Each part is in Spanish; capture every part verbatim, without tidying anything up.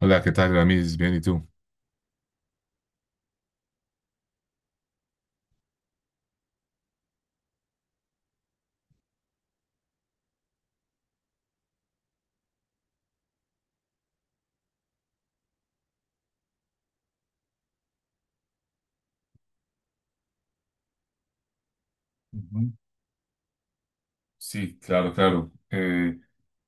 Hola, ¿qué tal, Ramis? Bien, ¿y tú? Ujú. Sí, claro, claro. Eh,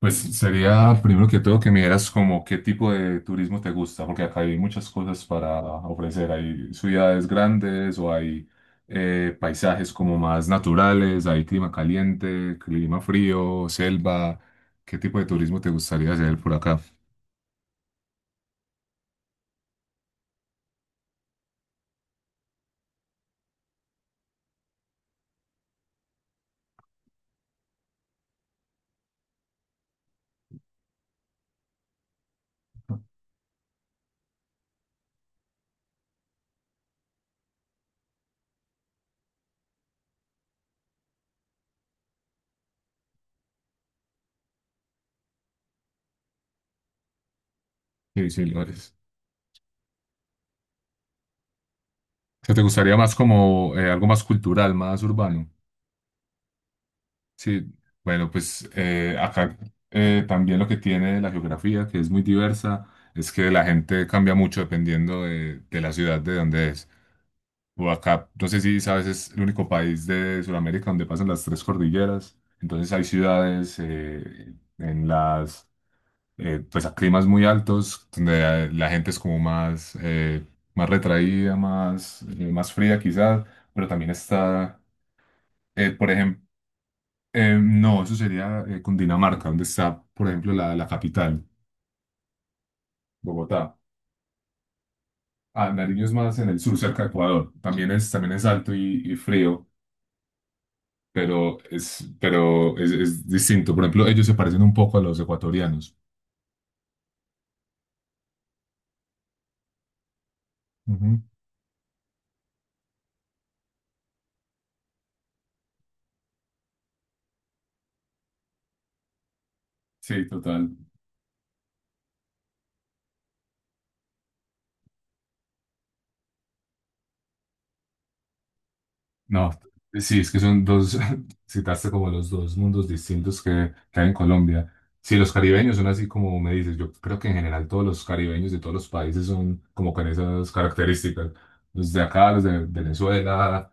Pues sería primero que todo que me dieras como qué tipo de turismo te gusta, porque acá hay muchas cosas para ofrecer. Hay ciudades grandes o hay eh, paisajes como más naturales, hay clima caliente, clima frío, selva. ¿Qué tipo de turismo te gustaría hacer por acá? Sí, sí, lugares. ¿Qué te gustaría más como eh, algo más cultural, más urbano? Sí, bueno, pues eh, acá eh, también lo que tiene la geografía, que es muy diversa, es que la gente cambia mucho dependiendo de, de la ciudad de donde es. O acá, no sé si sabes, es el único país de Sudamérica donde pasan las tres cordilleras. Entonces hay ciudades eh, en las, eh, pues a climas muy altos, donde la, la gente es como más, eh, más retraída, más, eh, más fría quizás, pero también está, eh, por ejemplo, eh, no, eso sería eh, Cundinamarca, donde está, por ejemplo, la, la capital, Bogotá. Ah, Nariño es más en el sur, cerca de Ecuador. También es, también es alto y, y frío, pero es, pero es, es distinto. Por ejemplo, ellos se parecen un poco a los ecuatorianos. Ujú. Sí, total. No, sí, es que son dos, citaste como los dos mundos distintos que, que hay en Colombia. Sí, los caribeños son así como me dices, yo creo que en general todos los caribeños de todos los países son como con esas características. Los de acá, los de Venezuela,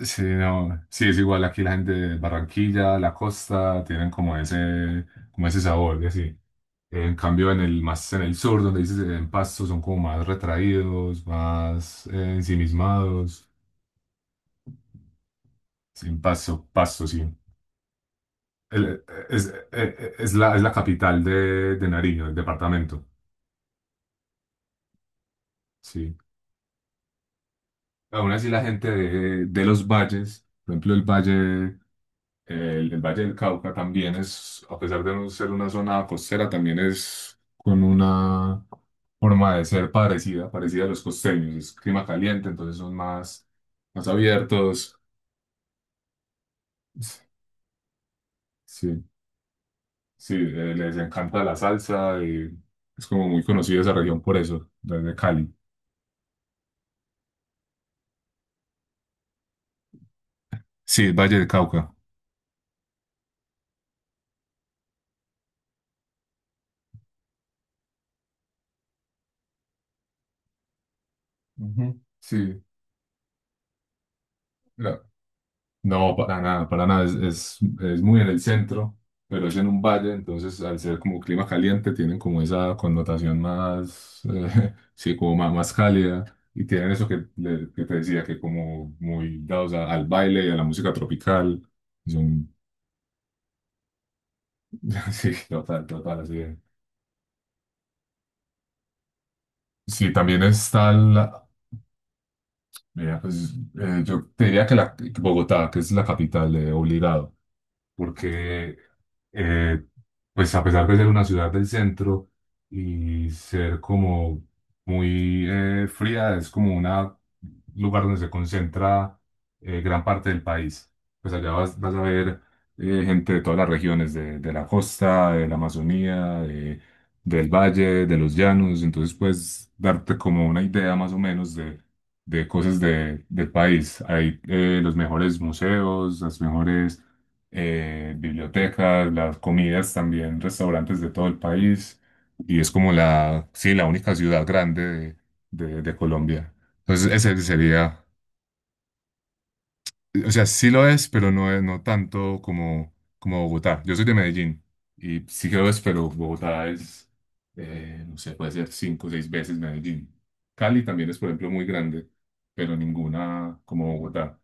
sí, no, sí, es igual aquí la gente de Barranquilla, la costa, tienen como ese, como ese sabor, y así. En cambio, en el más en el sur, donde dices eh, en Pasto, son como más retraídos, más eh, ensimismados. Sí, en Pasto, Pasto, sí. El- es, eh, eh, es la, es la capital de, de Nariño, el departamento, sí. Aún así la gente de, de los valles, por ejemplo el valle, el, el Valle del Cauca también es, a pesar de no ser una zona costera, también es con una forma de ser parecida, parecida a los costeños. Es clima caliente, entonces son más, más abiertos. Sí, sí, eh, les encanta la salsa y es como muy conocida esa región por eso, desde Cali. Sí, el Valle del Cauca. Ujú. Sí, la- no, para nada, para nada. Es, es, es muy en el centro, pero es en un valle, entonces al ser como clima caliente, tienen como esa connotación más, eh, sí, como más, más cálida. Y tienen eso que, le- que te decía, que como muy dados a- al baile y a la música tropical. Son, sí, total, total, así es. Sí, también está la, mira, pues, eh, yo te diría que la, que Bogotá, que es la capital, eh, obligado, porque eh, pues a pesar de ser una ciudad del centro y ser como muy eh, fría, es como una un lugar donde se concentra eh, gran parte del país. Pues allá vas, vas a ver eh, gente de todas las regiones, de, de la costa, de la Amazonía, de- del valle, de los llanos. Entonces puedes darte como una idea más o menos de, de cosas de- del país. Hay eh, los mejores museos, las mejores eh, bibliotecas, las comidas también, restaurantes de todo el país. Y es como la, sí, la única ciudad grande de, de- de Colombia. Entonces, ese sería, o sea, sí lo es, pero no es, no tanto como, como Bogotá. Yo soy de Medellín y sí que lo es, pero Bogotá es, eh, no sé, puede ser cinco o seis veces Medellín. Cali también es, por ejemplo, muy grande, pero ninguna como Bogotá.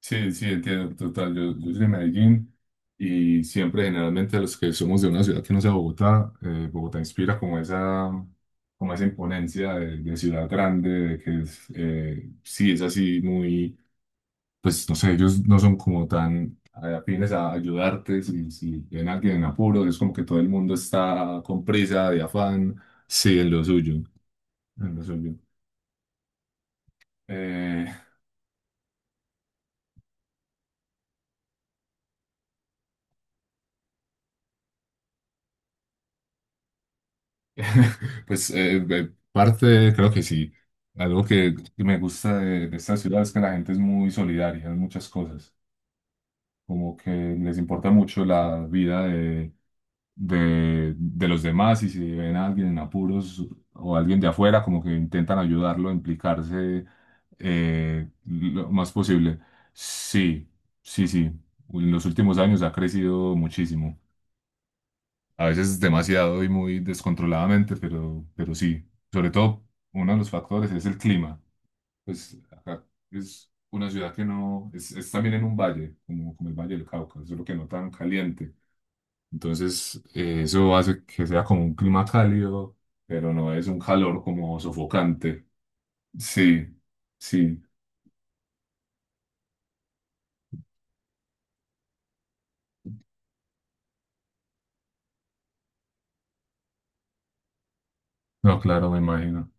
Sí, sí, entiendo, total. Yo, yo soy de Medellín y siempre, generalmente, los que somos de una ciudad que no sea Bogotá, eh, Bogotá inspira como esa, como esa imponencia de, de ciudad grande, de que es, eh, sí, es así muy, pues no sé, ellos no son como tan eh, afines a ayudarte. Si, si ven a alguien en apuro, es como que todo el mundo está con prisa, de afán, sí, en lo suyo, en lo suyo. Eh, Pues eh, eh, parte, creo que sí. Algo que, que me gusta de, de esta ciudad es que la gente es muy solidaria en muchas cosas. Como que les importa mucho la vida de, de, de los demás y si ven a alguien en apuros o alguien de afuera, como que intentan ayudarlo, implicarse eh, lo más posible. Sí, sí, sí. En los últimos años ha crecido muchísimo. A veces demasiado y muy descontroladamente, pero, pero sí. Sobre todo, uno de los factores es el clima. Pues acá es una ciudad que no, es, es también en un valle, como, como el Valle del Cauca, solo que no tan caliente. Entonces, eh, eso hace que sea como un clima cálido, pero no es un calor como sofocante. Sí, sí. No, claro, me imagino.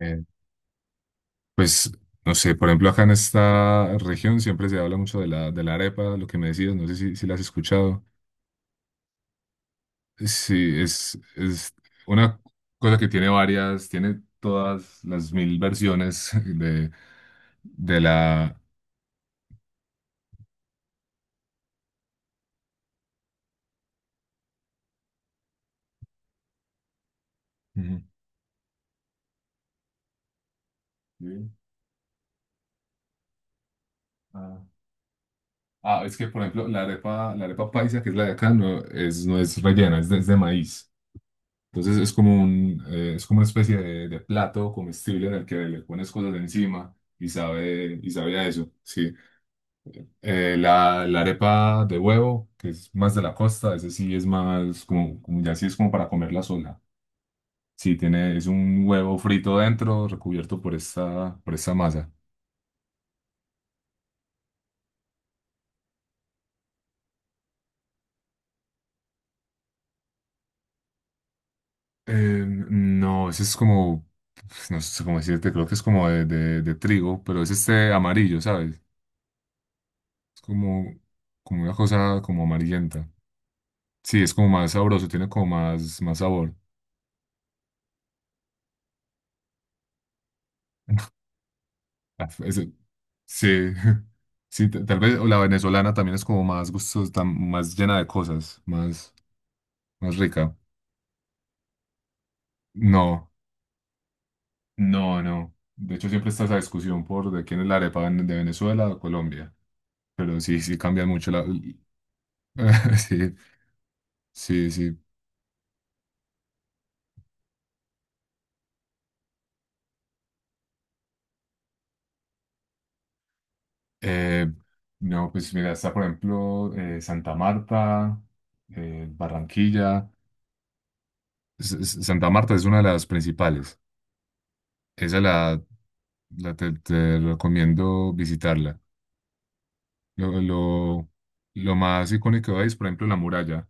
Eh, pues, no sé, por ejemplo, acá en esta región siempre se habla mucho de la, de la arepa, lo que me decías, no sé si, si la has escuchado. Sí, es, es una cosa que tiene varias, tiene todas las mil versiones de, de la... Ujú. Sí, Ah, Ah, es que, por ejemplo, la arepa, la arepa paisa, que es la de acá, no es, no es rellena, es de, es de maíz. Entonces es como un, eh, es como una especie de, de plato comestible en el que le pones cosas encima y sabe, y sabe a eso, sí. Eh, la, la arepa de huevo, que es más de la costa, ese sí es más como, como ya sí es como para comerla sola. Sí, tiene, es un huevo frito dentro, recubierto por esta, por esta masa. Eh, no, ese es como, pues, no sé cómo decirte, creo que es como de, de- de trigo, pero es este amarillo, ¿sabes? Es como, como una cosa como amarillenta. Sí, es como más sabroso, tiene como más, más sabor. Ah, ese- sí, sí, t- tal vez la venezolana también es como más gustosa, tam- más llena de cosas, más, más rica. No. No, no. De hecho, siempre está esa discusión por de quién es la arepa ven- de Venezuela o Colombia. Pero sí, sí cambian mucho la... Sí, sí, sí. Eh, no, pues mira, está por ejemplo eh, Santa Marta, eh, Barranquilla. S- S- Santa Marta es una de las principales. Esa la, la te, te recomiendo visitarla. Lo, lo, lo más icónico ahí es, por ejemplo, la muralla.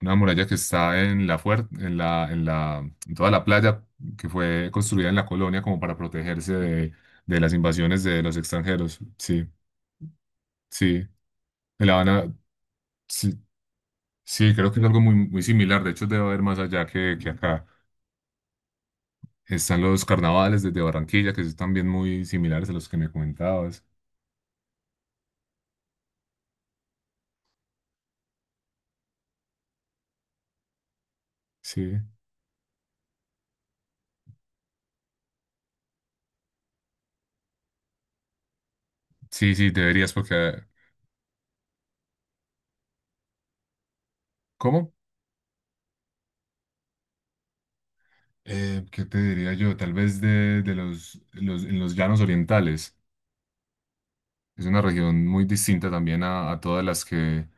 Una muralla que está en la fuer- en la, en la, en toda la playa que fue construida en la colonia como para protegerse de, de las invasiones de los extranjeros. Sí, sí. En La Habana, sí, sí, creo que es algo muy, muy similar. De hecho, debe haber más allá que, que acá. Están los carnavales desde Barranquilla, que son también muy similares a los que me comentabas. Sí, sí, sí, deberías, porque. ¿Cómo? Eh, ¿qué te diría yo? Tal vez de, de los, los, en los llanos orientales. Es una región muy distinta también a, a todas las que,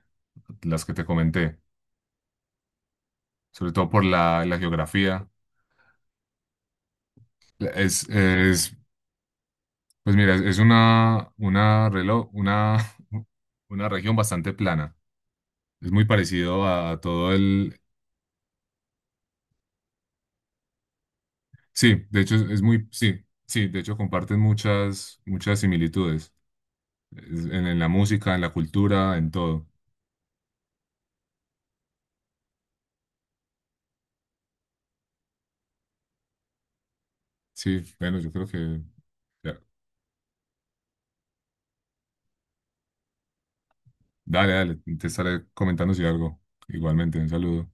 las que te comenté, sobre todo por la, la geografía. Es, es- pues mira, es una, una, relo- una, una región bastante plana. Es muy parecido a, a todo el... Sí, de hecho es, es muy... Sí, sí, de hecho comparten muchas, muchas similitudes Es- en, en la música, en la cultura, en todo. Sí, bueno, yo creo que... ya. Dale, dale, te estaré comentando si algo. Igualmente, un saludo.